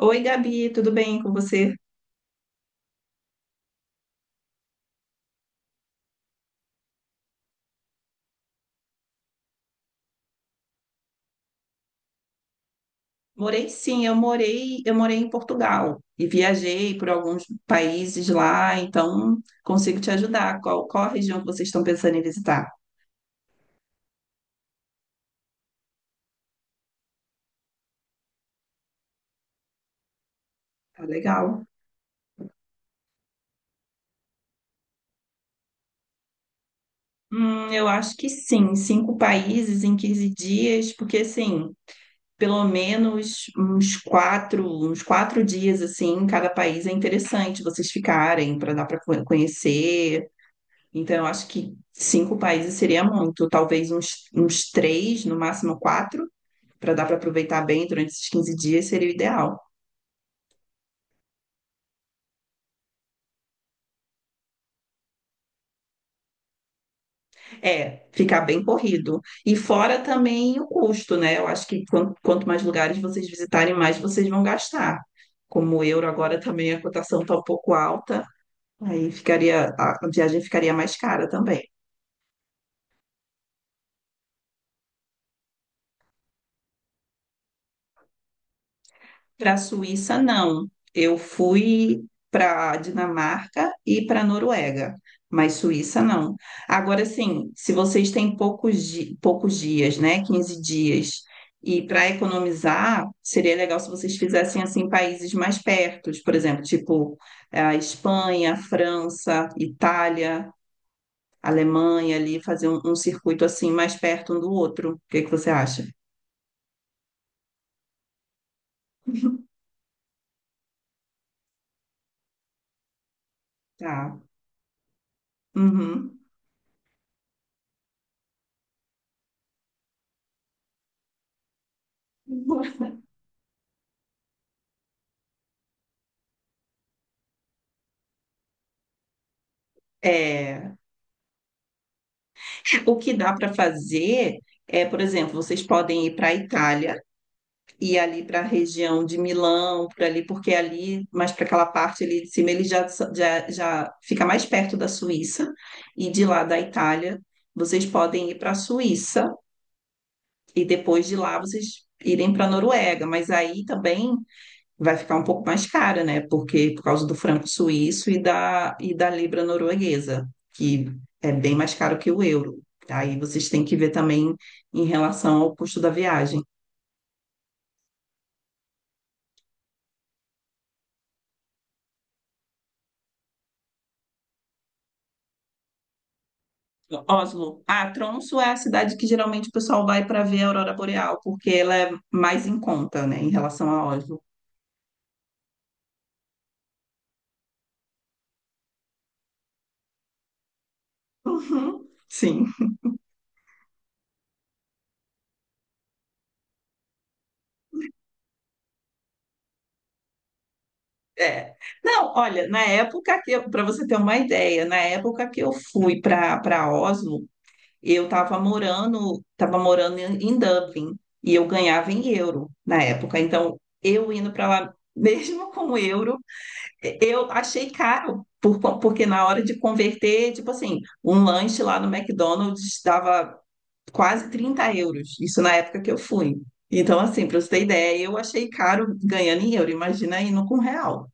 Oi, Gabi, tudo bem com você? Morei sim, eu morei em Portugal e viajei por alguns países lá, então consigo te ajudar. Qual a região que vocês estão pensando em visitar? Tá legal. Eu acho que sim, cinco países em 15 dias, porque assim, pelo menos uns quatro dias assim, em cada país é interessante vocês ficarem para dar para conhecer. Então, eu acho que cinco países seria muito, talvez uns três, no máximo quatro, para dar para aproveitar bem durante esses 15 dias seria o ideal. É, ficar bem corrido. E fora também o custo, né? Eu acho que quanto mais lugares vocês visitarem, mais vocês vão gastar. Como o euro agora também a cotação está um pouco alta, aí ficaria, a viagem ficaria mais cara também. Para a Suíça, não. Eu fui para a Dinamarca e para a Noruega, mas Suíça não. Agora sim, se vocês têm poucos, poucos dias, né, 15 dias, e para economizar, seria legal se vocês fizessem assim países mais pertos, por exemplo, tipo a Espanha, França, Itália, Alemanha ali, fazer um circuito assim mais perto um do outro. O que que você acha? Tá. Uhum. É, o que dá para fazer é, por exemplo, vocês podem ir para a Itália e ali para a região de Milão, por ali, porque ali, mais para aquela parte ali de cima, ele já fica mais perto da Suíça, e de lá da Itália, vocês podem ir para a Suíça e depois de lá vocês irem para a Noruega, mas aí também vai ficar um pouco mais cara, né? Porque por causa do franco suíço e da libra norueguesa, que é bem mais caro que o euro. Aí vocês têm que ver também em relação ao custo da viagem. Oslo. Ah, Tromsø é a cidade que geralmente o pessoal vai para ver a aurora boreal, porque ela é mais em conta, né, em relação a Oslo. Uhum, sim, é. Não, olha, na época que eu, para você ter uma ideia, na época que eu fui para Oslo, eu estava morando em Dublin e eu ganhava em euro na época. Então, eu indo para lá, mesmo com o euro, eu achei caro, porque na hora de converter, tipo assim, um lanche lá no McDonald's dava quase 30 euros. Isso na época que eu fui. Então, assim, para você ter ideia, eu achei caro ganhando em euro. Imagina indo com real.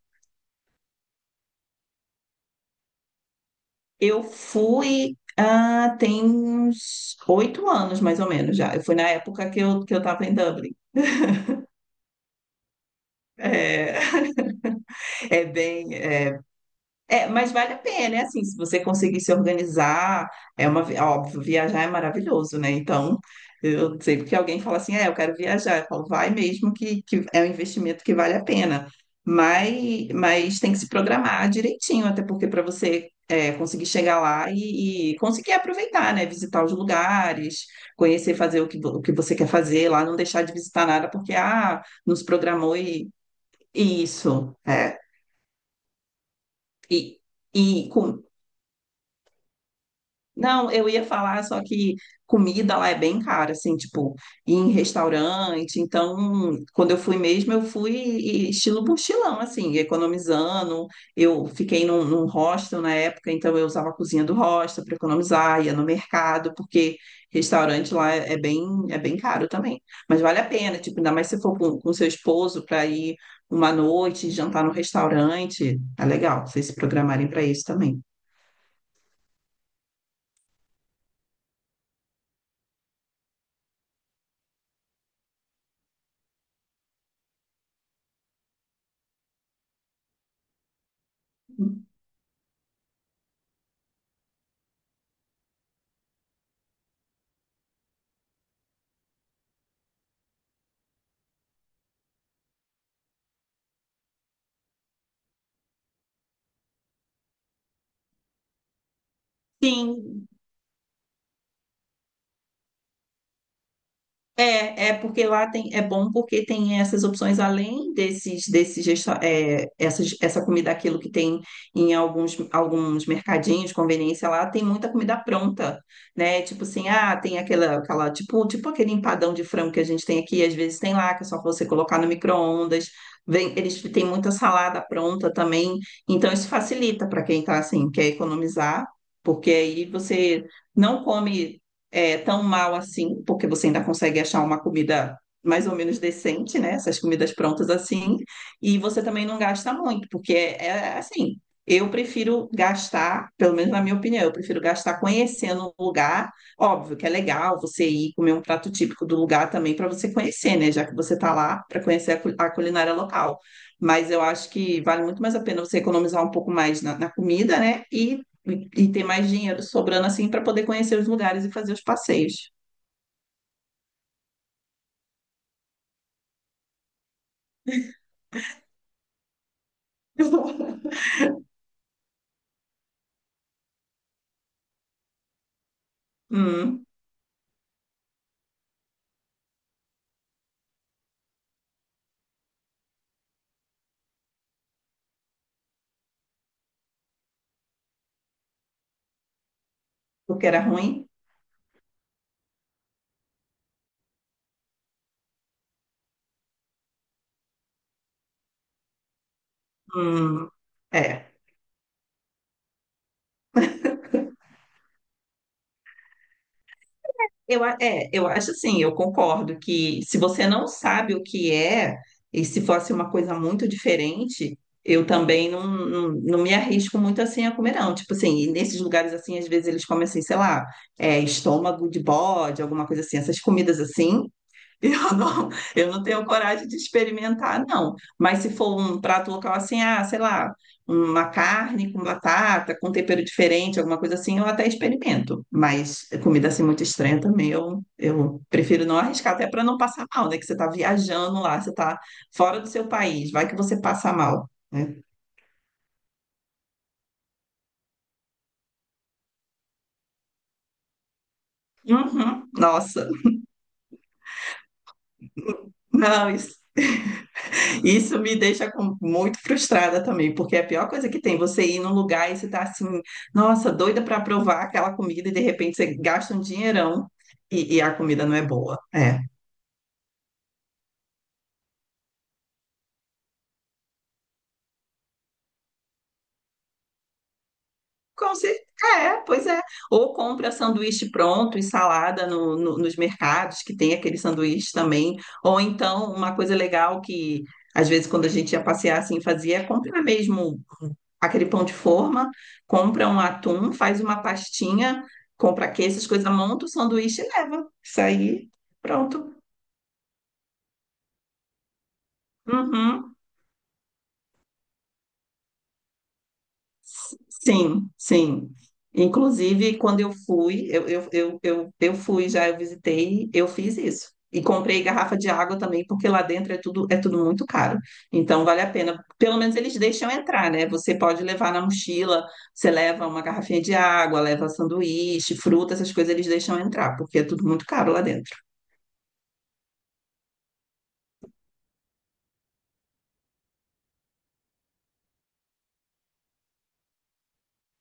Eu fui. Ah, tem uns 8 anos, mais ou menos, já. Eu fui na época que eu estava em Dublin. É, é bem. É, é, mas vale a pena, é assim, se você conseguir se organizar, é uma, óbvio, viajar é maravilhoso, né? Então, eu sempre que alguém fala assim, é, eu quero viajar, eu falo, vai mesmo que é um investimento que vale a pena. Mas tem que se programar direitinho, até porque para você é, conseguir chegar lá e conseguir aproveitar, né? Visitar os lugares, conhecer, fazer o que, o que você quer fazer lá, não deixar de visitar nada, porque, ah, nos programou e. E isso, é. E, e com... Não, eu ia falar, só que comida lá é bem cara, assim, tipo, ir em restaurante. Então, quando eu fui mesmo, eu fui estilo mochilão, assim, economizando. Eu fiquei num hostel na época, então eu usava a cozinha do hostel para economizar, ia no mercado, porque restaurante lá é, é bem caro também. Mas vale a pena, tipo, ainda mais se for com seu esposo para ir uma noite, jantar no restaurante. É legal, vocês se programarem para isso também. Sim, é, é porque lá tem, é bom porque tem essas opções além desses é, essa comida aquilo que tem em alguns mercadinhos, conveniência lá, tem muita comida pronta, né? Tipo assim, ah, tem aquela tipo, tipo aquele empadão de frango que a gente tem aqui, às vezes tem lá, que é só você colocar no micro-ondas, vem, eles têm muita salada pronta também, então isso facilita para quem tá assim, quer economizar, porque aí você não come é, tão mal assim, porque você ainda consegue achar uma comida mais ou menos decente, né? Essas comidas prontas assim, e você também não gasta muito, porque é, é assim. Eu prefiro gastar, pelo menos na minha opinião, eu prefiro gastar conhecendo o lugar. Óbvio que é legal você ir comer um prato típico do lugar também para você conhecer, né? Já que você está lá para conhecer a, a culinária local. Mas eu acho que vale muito mais a pena você economizar um pouco mais na, na comida, né? E ter mais dinheiro sobrando assim para poder conhecer os lugares e fazer os passeios. Hum, porque era ruim? Hum, é. Eu, é, eu acho assim, eu concordo que se você não sabe o que é, e se fosse uma coisa muito diferente, eu também não me arrisco muito assim a comer, não. Tipo assim, e nesses lugares assim, às vezes eles comem assim, sei lá, é, estômago de bode, alguma coisa assim, essas comidas assim, eu não, eu não tenho coragem de experimentar, não. Mas se for um prato local assim, ah, sei lá, uma carne com batata, com tempero diferente, alguma coisa assim, eu até experimento. Mas comida assim muito estranha também, eu prefiro não arriscar, até para não passar mal, né? Que você está viajando lá, você está fora do seu país, vai que você passa mal, né? Uhum, nossa, não, isso me deixa muito frustrada também, porque é a pior coisa que tem, você ir num lugar e você tá assim, nossa, doida para provar aquela comida e de repente você gasta um dinheirão e a comida não é boa. É. Com certeza, é, pois é. Ou compra sanduíche pronto e salada nos mercados, que tem aquele sanduíche também. Ou então, uma coisa legal que, às vezes, quando a gente ia passear assim, fazia, é comprar mesmo aquele pão de forma, compra um atum, faz uma pastinha, compra queijo, essas coisas, monta o sanduíche e leva. Isso aí, pronto. Uhum. Sim, sim. Inclusive, quando eu fui, eu fui já, eu visitei, eu fiz isso. E comprei garrafa de água também, porque lá dentro é tudo muito caro. Então, vale a pena. Pelo menos eles deixam entrar, né? Você pode levar na mochila, você leva uma garrafinha de água, leva sanduíche, fruta, essas coisas eles deixam entrar, porque é tudo muito caro lá dentro.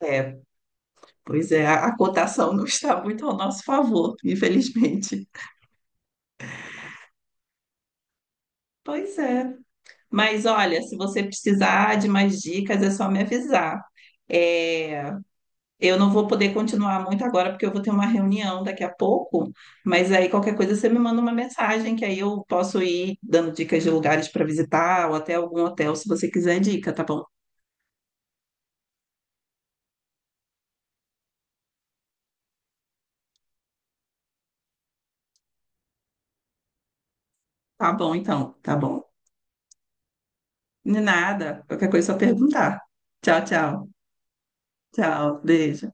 É, pois é, a cotação não está muito ao nosso favor, infelizmente. Pois é. Mas olha, se você precisar de mais dicas, é só me avisar. É, eu não vou poder continuar muito agora, porque eu vou ter uma reunião daqui a pouco, mas aí qualquer coisa você me manda uma mensagem, que aí eu posso ir dando dicas de lugares para visitar, ou até algum hotel, se você quiser dica, tá bom? Tá bom, então, tá bom. De nada, qualquer coisa é só perguntar. Tchau, tchau, tchau, beijo.